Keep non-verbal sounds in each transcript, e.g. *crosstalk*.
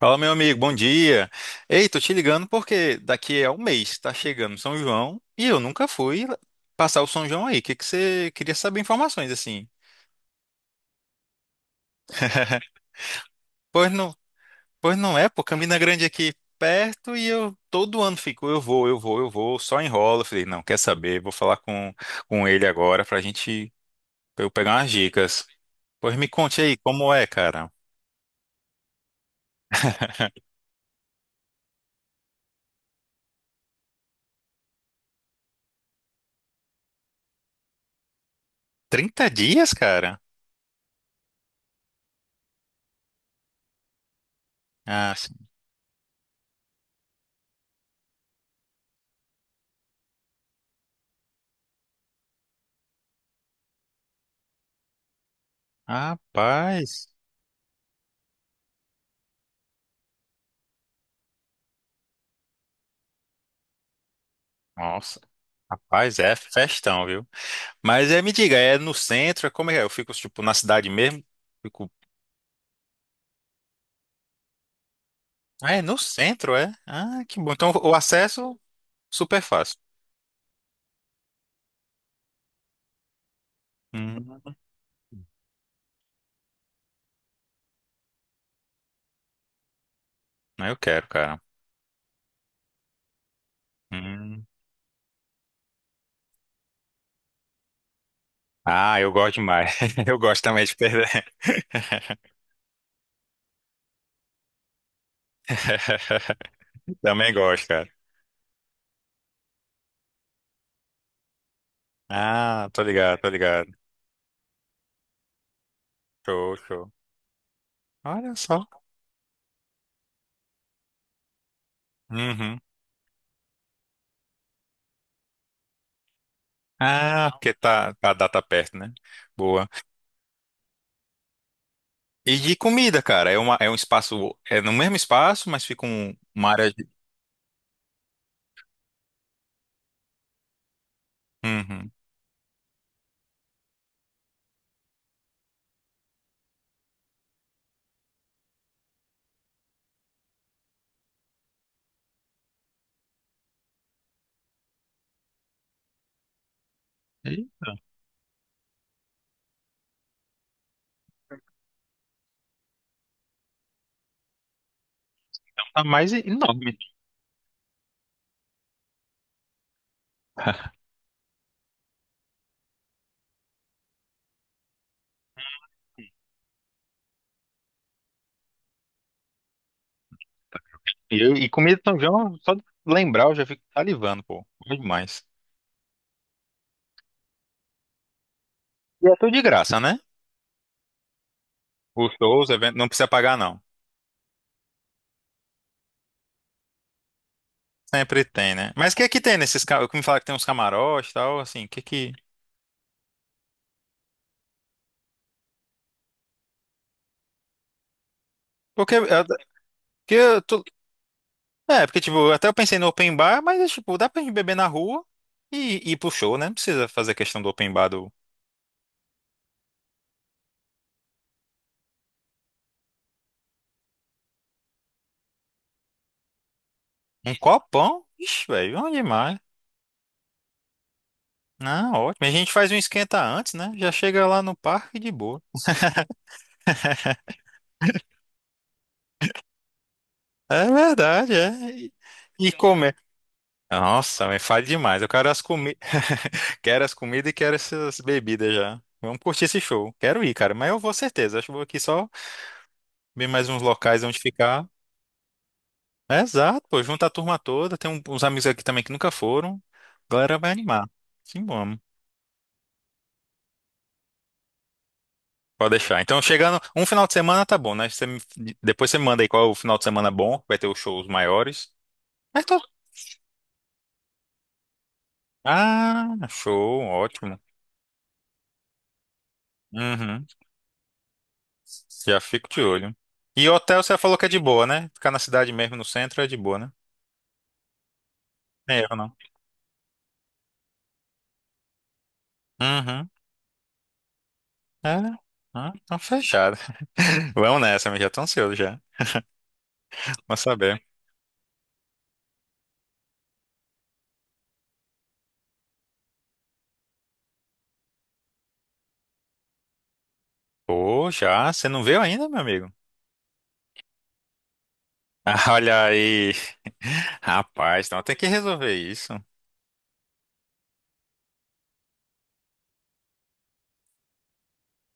Fala, meu amigo, bom dia. Ei, tô te ligando porque daqui a um mês tá chegando São João e eu nunca fui passar o São João aí. O que que você queria saber informações assim? Pois não, pois não é, pô, Campina Grande é aqui perto e eu todo ano fico, eu vou, eu vou, eu vou, só enrola. Eu falei, não, quer saber? Vou falar com ele agora pra gente, pra eu pegar umas dicas. Pois me conte aí, como é, cara? Trinta dias, cara? Ah, sim. Rapaz, nossa, rapaz, é festão, viu? Mas é, me diga, é no centro? É como é? É? Eu fico, tipo, na cidade mesmo? Fico... Ah, é no centro, é? Ah, que bom. Então, o acesso, super fácil. Hum, eu quero, cara. Hum. Ah, eu gosto demais. *laughs* Eu gosto também de perder. *laughs* Também gosto, cara. Ah, tô ligado, tô ligado. Show, show. Olha só. Uhum. Ah, porque tá, a data perto, né? Boa. E de comida, cara, é um espaço, é no mesmo espaço, mas fica uma área de... Uhum. Tá mais enorme. *laughs* E comida de São João, só de lembrar, eu já fico salivando, pô. Bom demais. E é tudo de graça, né? Os shows, eventos, não precisa pagar, não. Sempre tem, né? Mas o que é que tem nesses... me fala que tem uns camarotes e tal, assim, o que que... Porque eu tô... É, porque, tipo, até eu pensei no open bar, mas, tipo, dá pra gente beber na rua e ir pro show, né? Não precisa fazer questão do open bar do... Um copão? Ixi, velho, bom demais. Não, ótimo. A gente faz um esquenta antes, né? Já chega lá no parque de boa. É verdade, é. E, e comer. Nossa, me fale demais. Eu quero as comidas, *laughs* quero as comidas e quero essas bebidas já. Vamos curtir esse show. Quero ir, cara. Mas eu vou certeza. Acho que vou aqui só ver mais uns locais onde ficar. É, exato, pô. Junta a turma toda. Tem uns amigos aqui também que nunca foram. A galera vai animar. Sim, vamos. Pode deixar. Então, chegando. Um final de semana tá bom, né? Depois você me manda aí qual é o final de semana bom. Vai ter os shows maiores. Mas tô- Ah, show. Ótimo. Uhum. Já fico de olho. E hotel você falou que é de boa, né? Ficar na cidade mesmo, no centro, é de boa, né? Nem erro, não. Uhum. É, né? Ah, então fechado. *laughs* Vamos nessa, mas já tô ansioso já. Vamos saber. Pô, já? Você não veio ainda, meu amigo? *laughs* Ah, olha aí. *laughs* Rapaz, então tem que resolver isso.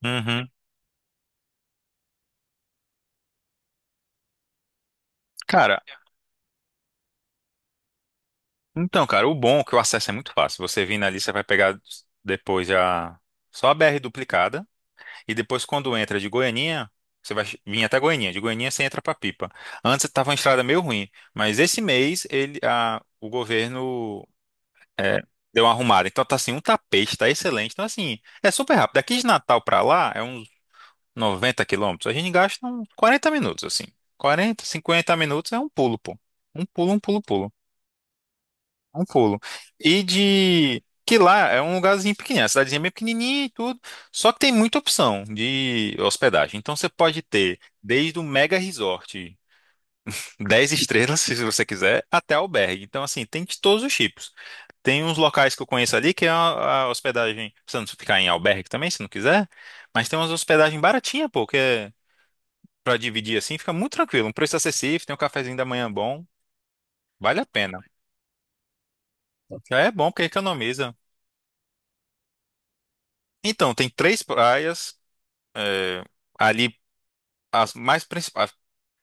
Uhum. Cara, então, cara, o bom é que o acesso é muito fácil. Você vindo ali, você vai pegar depois já só a BR duplicada. E depois, quando entra de Goianinha, você vai vir até Goianinha. De Goianinha você entra para Pipa. Antes estava uma estrada meio ruim, mas esse mês o governo é, deu uma arrumada. Então tá assim, um tapete, tá excelente. Então assim, é super rápido. Daqui de Natal para lá é uns 90 quilômetros. A gente gasta uns 40 minutos, assim. 40, 50 minutos é um pulo, pô. Um pulo, pulo. Um pulo. E de que lá é um lugarzinho pequenininho, a cidadezinha é bem pequenininha e tudo, só que tem muita opção de hospedagem. Então você pode ter desde o mega resort 10 estrelas, *laughs* se você quiser, até albergue. Então assim, tem de todos os tipos. Tem uns locais que eu conheço ali que é a hospedagem, você não precisa ficar em albergue também, se não quiser, mas tem umas hospedagens baratinhas pô, que é para dividir assim, fica muito tranquilo, um preço acessível, tem um cafezinho da manhã bom, vale a pena. Já é bom porque economiza. Então, tem três praias é, ali as mais principais,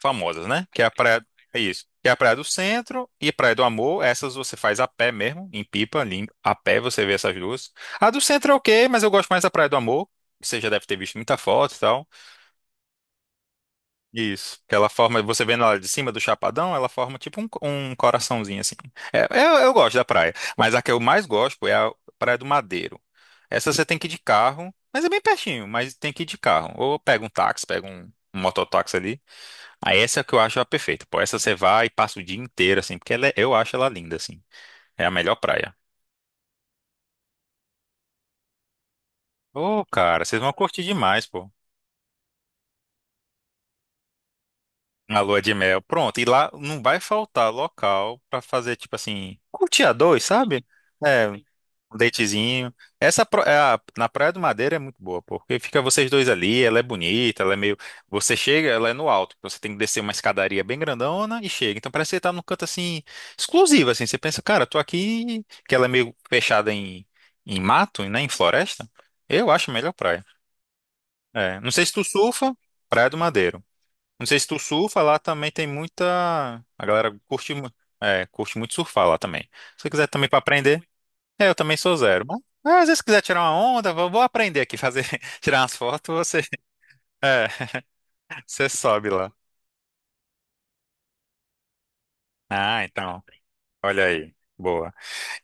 famosas, né? Que é a praia, é isso. Que é a Praia do Centro e a Praia do Amor. Essas você faz a pé mesmo, em Pipa, ali, a pé você vê essas duas. A do Centro é ok, mas eu gosto mais da Praia do Amor. Você já deve ter visto muita foto e tal. Isso. Que ela forma, você vendo ela de cima do Chapadão, ela forma tipo um coraçãozinho assim. É, eu gosto da praia, mas a que eu mais gosto é a Praia do Madeiro. Essa você tem que ir de carro, mas é bem pertinho, mas tem que ir de carro. Ou pega um táxi, pega um mototáxi ali. Aí essa é a que eu acho a perfeita. Pô, essa você vai e passa o dia inteiro assim, porque eu acho ela linda assim. É a melhor praia. Ô, cara, vocês vão curtir demais, pô. Na lua de mel. Pronto, e lá não vai faltar local pra fazer tipo assim, curtir a dois, sabe? É, um datezinho. Essa pro- é a- na Praia do Madeira é muito boa, porque fica vocês dois ali, ela é bonita, ela é meio. Você chega, ela é no alto, então você tem que descer uma escadaria bem grandona e chega. Então parece que você tá num canto assim, exclusivo, assim. Você pensa, cara, eu tô aqui, que ela é meio fechada em mato, né, em floresta. Eu acho a melhor praia. É. Não sei se tu surfa, Praia do Madeiro. Não sei se tu surfa, lá também tem muita. A galera curte, curte muito surfar lá também. Se você quiser também pra aprender. É, eu também sou zero. Mas, ah, às vezes se quiser tirar uma onda, vou aprender aqui fazer, *laughs* tirar umas fotos, você, *laughs* é, você sobe lá. Ah, então, olha aí. Boa.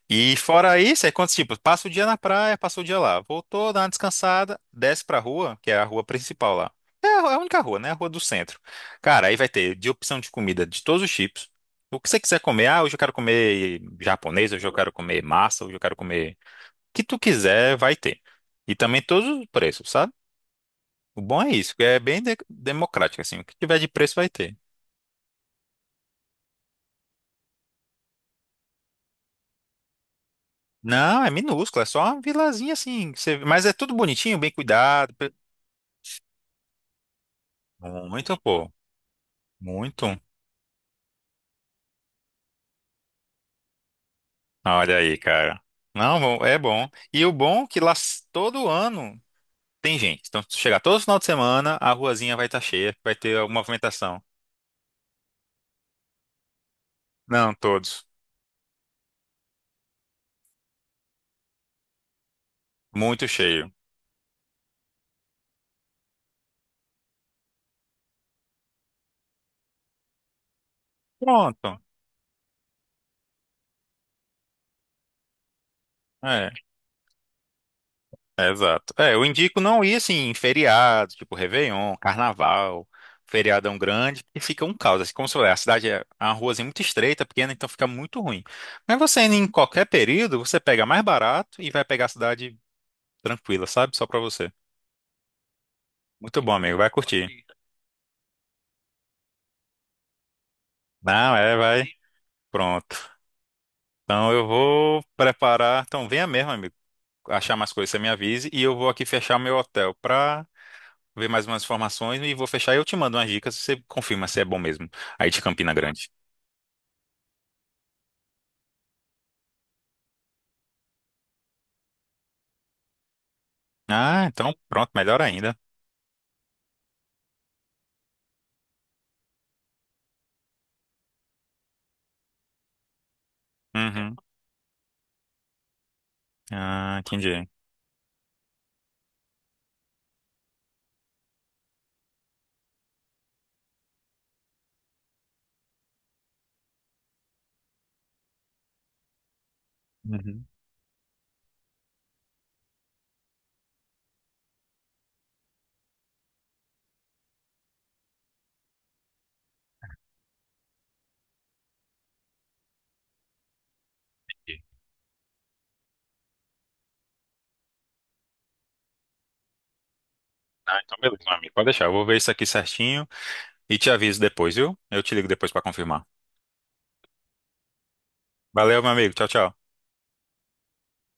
E fora isso, é quantos tipos? Passa o dia na praia, passa o dia lá. Voltou, dá uma descansada, desce pra rua, que é a rua principal lá. É a única rua, né? A rua do centro. Cara, aí vai ter de opção de comida de todos os tipos. O que você quiser comer, ah, hoje eu quero comer japonês, hoje eu quero comer massa, hoje eu quero comer. O que tu quiser, vai ter. E também todos os preços, sabe? O bom é isso, que é bem democrático, assim. O que tiver de preço vai ter. Não, é minúsculo, é só uma vilazinha assim. Mas é tudo bonitinho, bem cuidado. Muito, pô. Muito. Olha aí, cara. Não, bom, é bom. E o bom é que lá todo ano tem gente. Então, se chegar todo final de semana, a ruazinha vai estar cheia, vai ter alguma movimentação. Não, todos. Muito cheio. Pronto. É. É, exato. É, eu indico não ir assim em feriado, tipo Réveillon, Carnaval, feriadão grande, porque fica um caos. Assim, como se fosse, a cidade é uma ruazinha muito estreita, pequena, então fica muito ruim. Mas você indo em qualquer período, você pega mais barato e vai pegar a cidade tranquila, sabe? Só pra você. Muito bom, amigo. Vai curtir. Não, é, vai. Pronto. Então eu vou preparar. Então venha mesmo, amigo. Achar mais coisas, você me avise. E eu vou aqui fechar meu hotel pra ver mais umas informações e vou fechar e eu te mando umas dicas, você confirma se é bom mesmo. Aí de Campina Grande. Ah, então pronto, melhor ainda. Uhum. Ah, entendi. Uhum. Ah, então beleza, meu amigo. Pode deixar, eu vou ver isso aqui certinho e te aviso depois, viu? Eu te ligo depois pra confirmar. Valeu, meu amigo. Tchau, tchau.